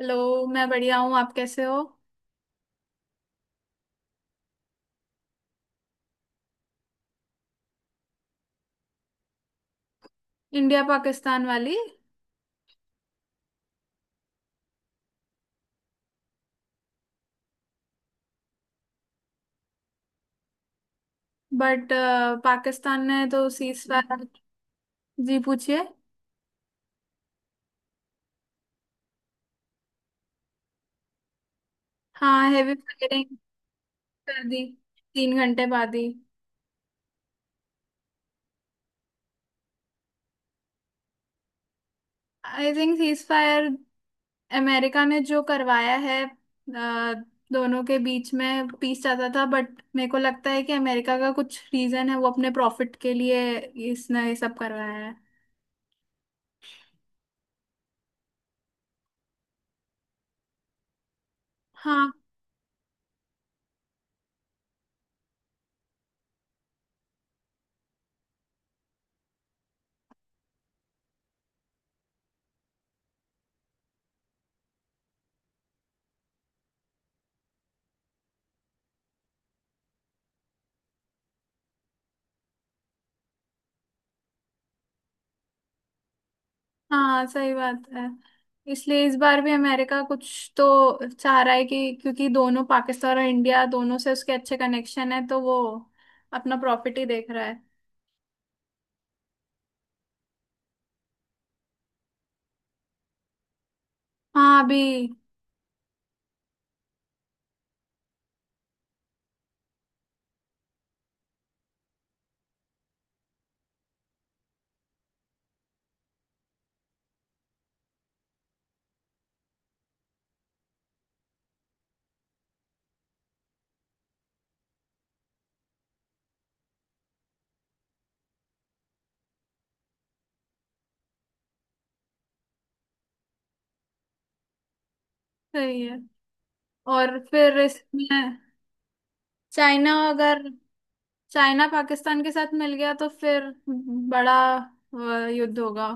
Hello, मैं बढ़िया हूँ। आप कैसे हो? इंडिया पाकिस्तान वाली। बट पाकिस्तान ने तो सीज फायर। जी पूछिए। हाँ हेवी फायरिंग कर दी, तीन घंटे बाद ही। I think ceasefire America ने जो करवाया है, दोनों के बीच में पीस चाहता था। बट मेरे को लगता है कि अमेरिका का कुछ रीजन है, वो अपने प्रॉफिट के लिए इसने ये सब करवाया है। हाँ हाँ, सही बात है। इसलिए इस बार भी अमेरिका कुछ तो चाह रहा है, कि क्योंकि दोनों पाकिस्तान और इंडिया दोनों से उसके अच्छे कनेक्शन है, तो वो अपना प्रॉफिट ही देख रहा है। हाँ, अभी। सही है। और फिर इसमें चाइना अगर, चाइना पाकिस्तान के साथ मिल गया तो फिर बड़ा युद्ध होगा।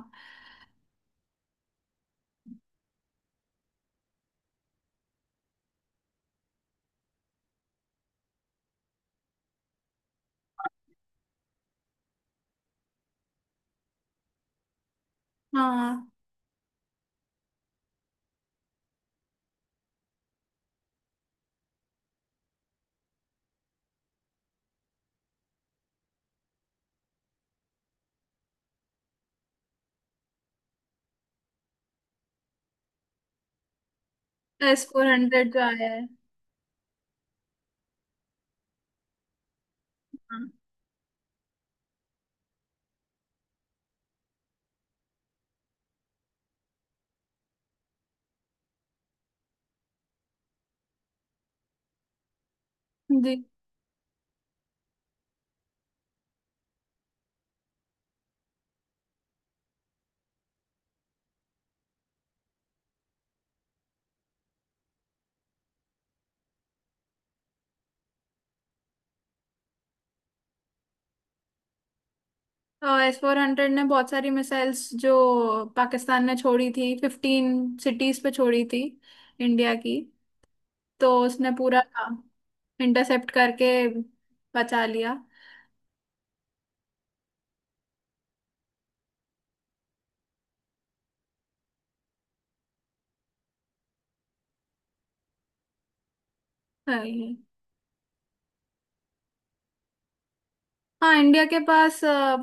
हाँ। एस फोर हंड्रेड जो आया है। हाँ। जी। एस फोर हंड्रेड ने बहुत सारी मिसाइल्स जो पाकिस्तान ने छोड़ी थी, फिफ्टीन सिटीज पे छोड़ी थी इंडिया की, तो उसने पूरा इंटरसेप्ट करके बचा लिया। हाँ ये- हाँ, इंडिया के पास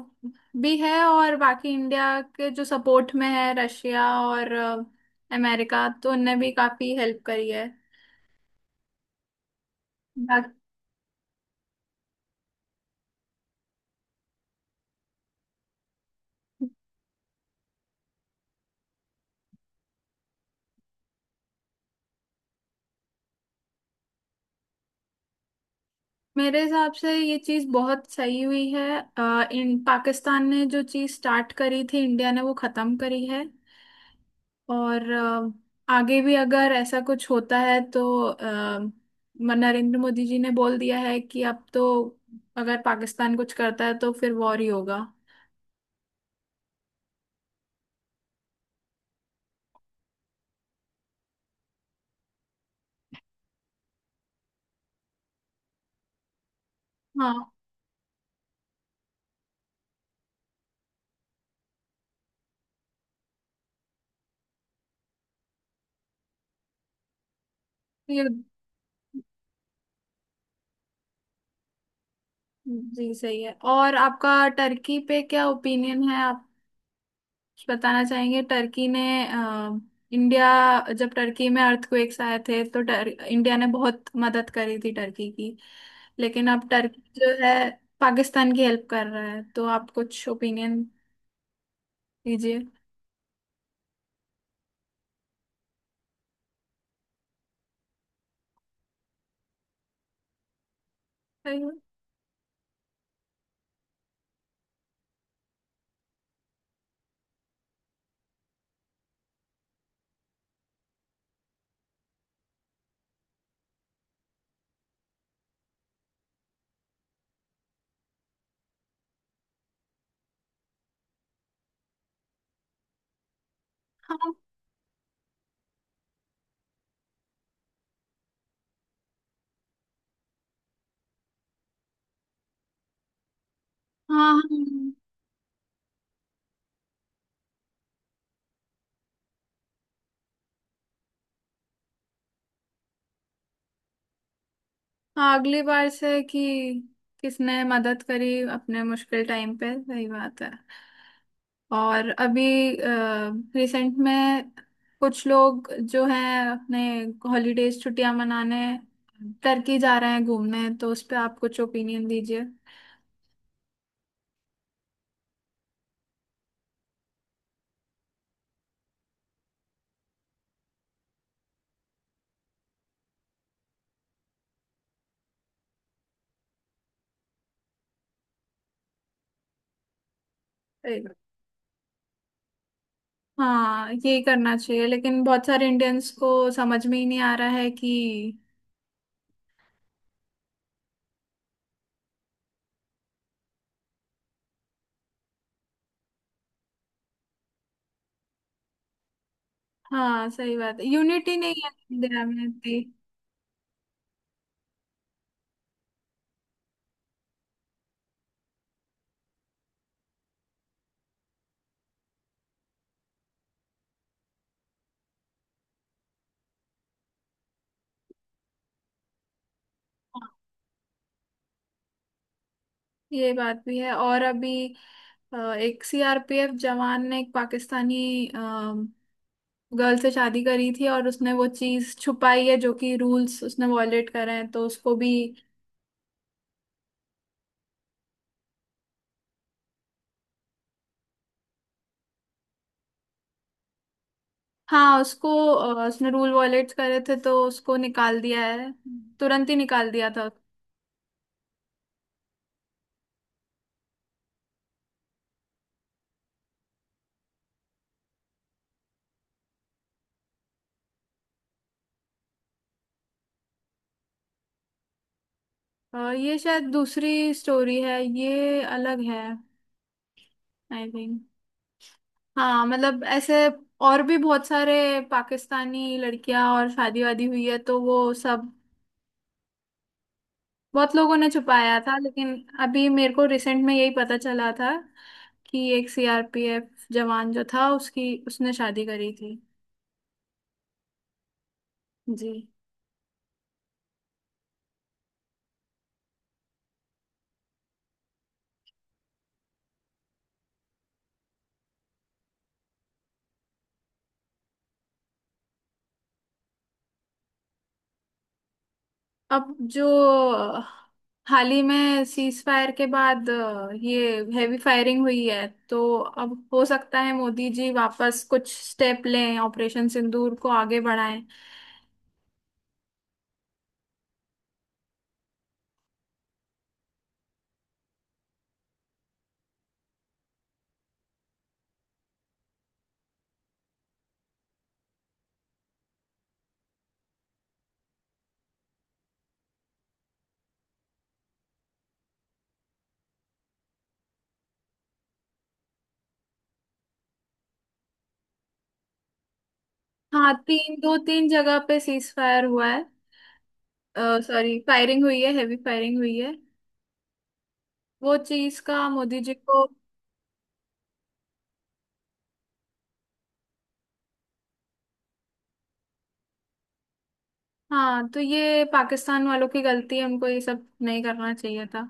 भी है, और बाकी इंडिया के जो सपोर्ट में है रशिया और अमेरिका, तो उनने भी काफी हेल्प करी है। बाकी, मेरे हिसाब से ये चीज बहुत सही हुई है। इन पाकिस्तान ने जो चीज स्टार्ट करी थी, इंडिया ने वो खत्म करी है। और आगे भी अगर ऐसा कुछ होता है तो नरेंद्र मोदी जी ने बोल दिया है कि अब तो अगर पाकिस्तान कुछ करता है तो फिर वॉर ही होगा। हाँ ये, जी सही है। और आपका टर्की पे क्या ओपिनियन है? आप बताना चाहेंगे? टर्की ने अ, इंडिया, जब टर्की में अर्थक्वेक्स आए थे तो इंडिया ने बहुत मदद करी थी टर्की की। लेकिन अब टर्की जो है पाकिस्तान की हेल्प कर रहा है, तो आप कुछ ओपिनियन दीजिए। हाँ हाँ हाँ। हाँ, अगली बार से कि किसने मदद करी अपने मुश्किल टाइम पे, सही बात है। और अभी रिसेंट में कुछ लोग जो हैं अपने हॉलीडेज छुट्टियां मनाने टर्की जा रहे हैं घूमने, तो उस पे आप कुछ ओपिनियन दीजिए। ए, हाँ यही करना चाहिए, लेकिन बहुत सारे इंडियंस को समझ में ही नहीं आ रहा है कि। हाँ सही बात है, यूनिटी नहीं है इंडिया में इतनी। हाँ, ये बात भी है। और अभी एक सीआरपीएफ जवान ने एक पाकिस्तानी गर्ल से शादी करी थी, और उसने वो चीज छुपाई है, जो कि रूल्स उसने वॉयलेट करे हैं, तो उसको भी। हाँ उसको उसने रूल वॉयलेट करे थे तो उसको निकाल दिया है, तुरंत ही निकाल दिया था। ये शायद दूसरी स्टोरी है, ये अलग है। I think. हाँ मतलब ऐसे और भी बहुत सारे पाकिस्तानी लड़कियां और शादी वादी हुई है, तो वो सब बहुत लोगों ने छुपाया था। लेकिन अभी मेरे को रिसेंट में यही पता चला था कि एक सीआरपीएफ जवान जो था, उसकी उसने शादी करी थी। जी। अब जो अ, हाल ही में सीज फायर के बाद ये हैवी फायरिंग हुई है, तो अब हो सकता है मोदी जी वापस कुछ स्टेप लें, ऑपरेशन सिंदूर को आगे बढ़ाएं। हाँ तीन, दो तीन जगह पे सीज फायर हुआ है, सॉरी फायरिंग हुई है, हैवी फायरिंग हुई है। वो चीज का मोदी जी को। हाँ, तो ये पाकिस्तान वालों की गलती है, उनको ये सब नहीं करना चाहिए था।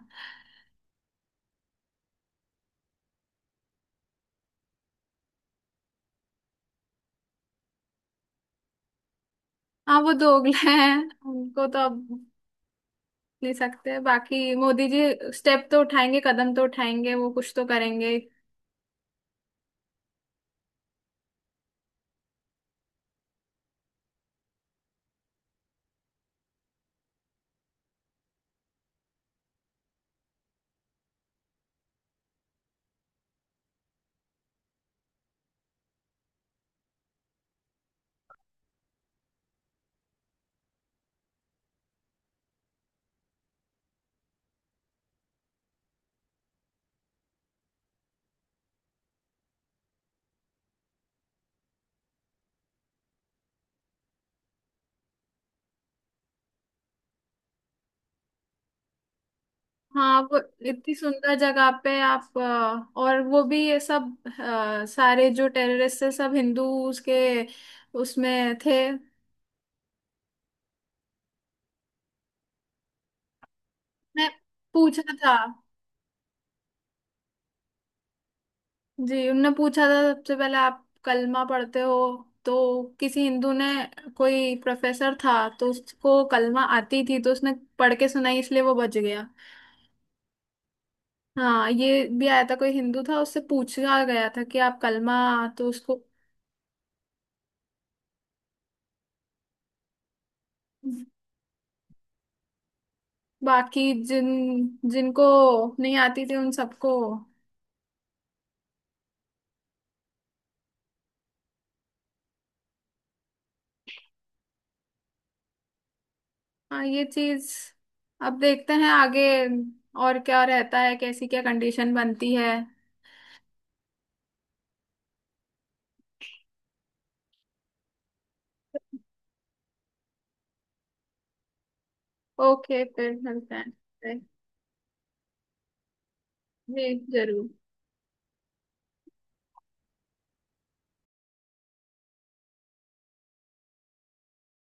हाँ वो दोगले हैं। उनको तो अब ले सकते हैं। बाकी मोदी जी स्टेप तो उठाएंगे, कदम तो उठाएंगे, वो कुछ तो करेंगे। हाँ आप इतनी सुंदर जगह पे आप और वो भी ये सब सारे जो टेररिस्ट है सब हिंदूज के उसमें थे। मैं पूछा था। जी उनने पूछा था सबसे पहले आप कलमा पढ़ते हो, तो किसी हिंदू ने, कोई प्रोफेसर था, तो उसको कलमा आती थी तो उसने पढ़ के सुनाई, इसलिए वो बच गया। हाँ ये भी आया था कोई हिंदू था, उससे पूछा गया था कि आप कलमा, तो उसको। बाकी जिन, जिनको नहीं आती थी उन सबको। हाँ ये चीज, अब देखते हैं आगे और क्या रहता है, कैसी क्या कंडीशन बनती है। ओके फिर मिलते हैं। जी जरूर।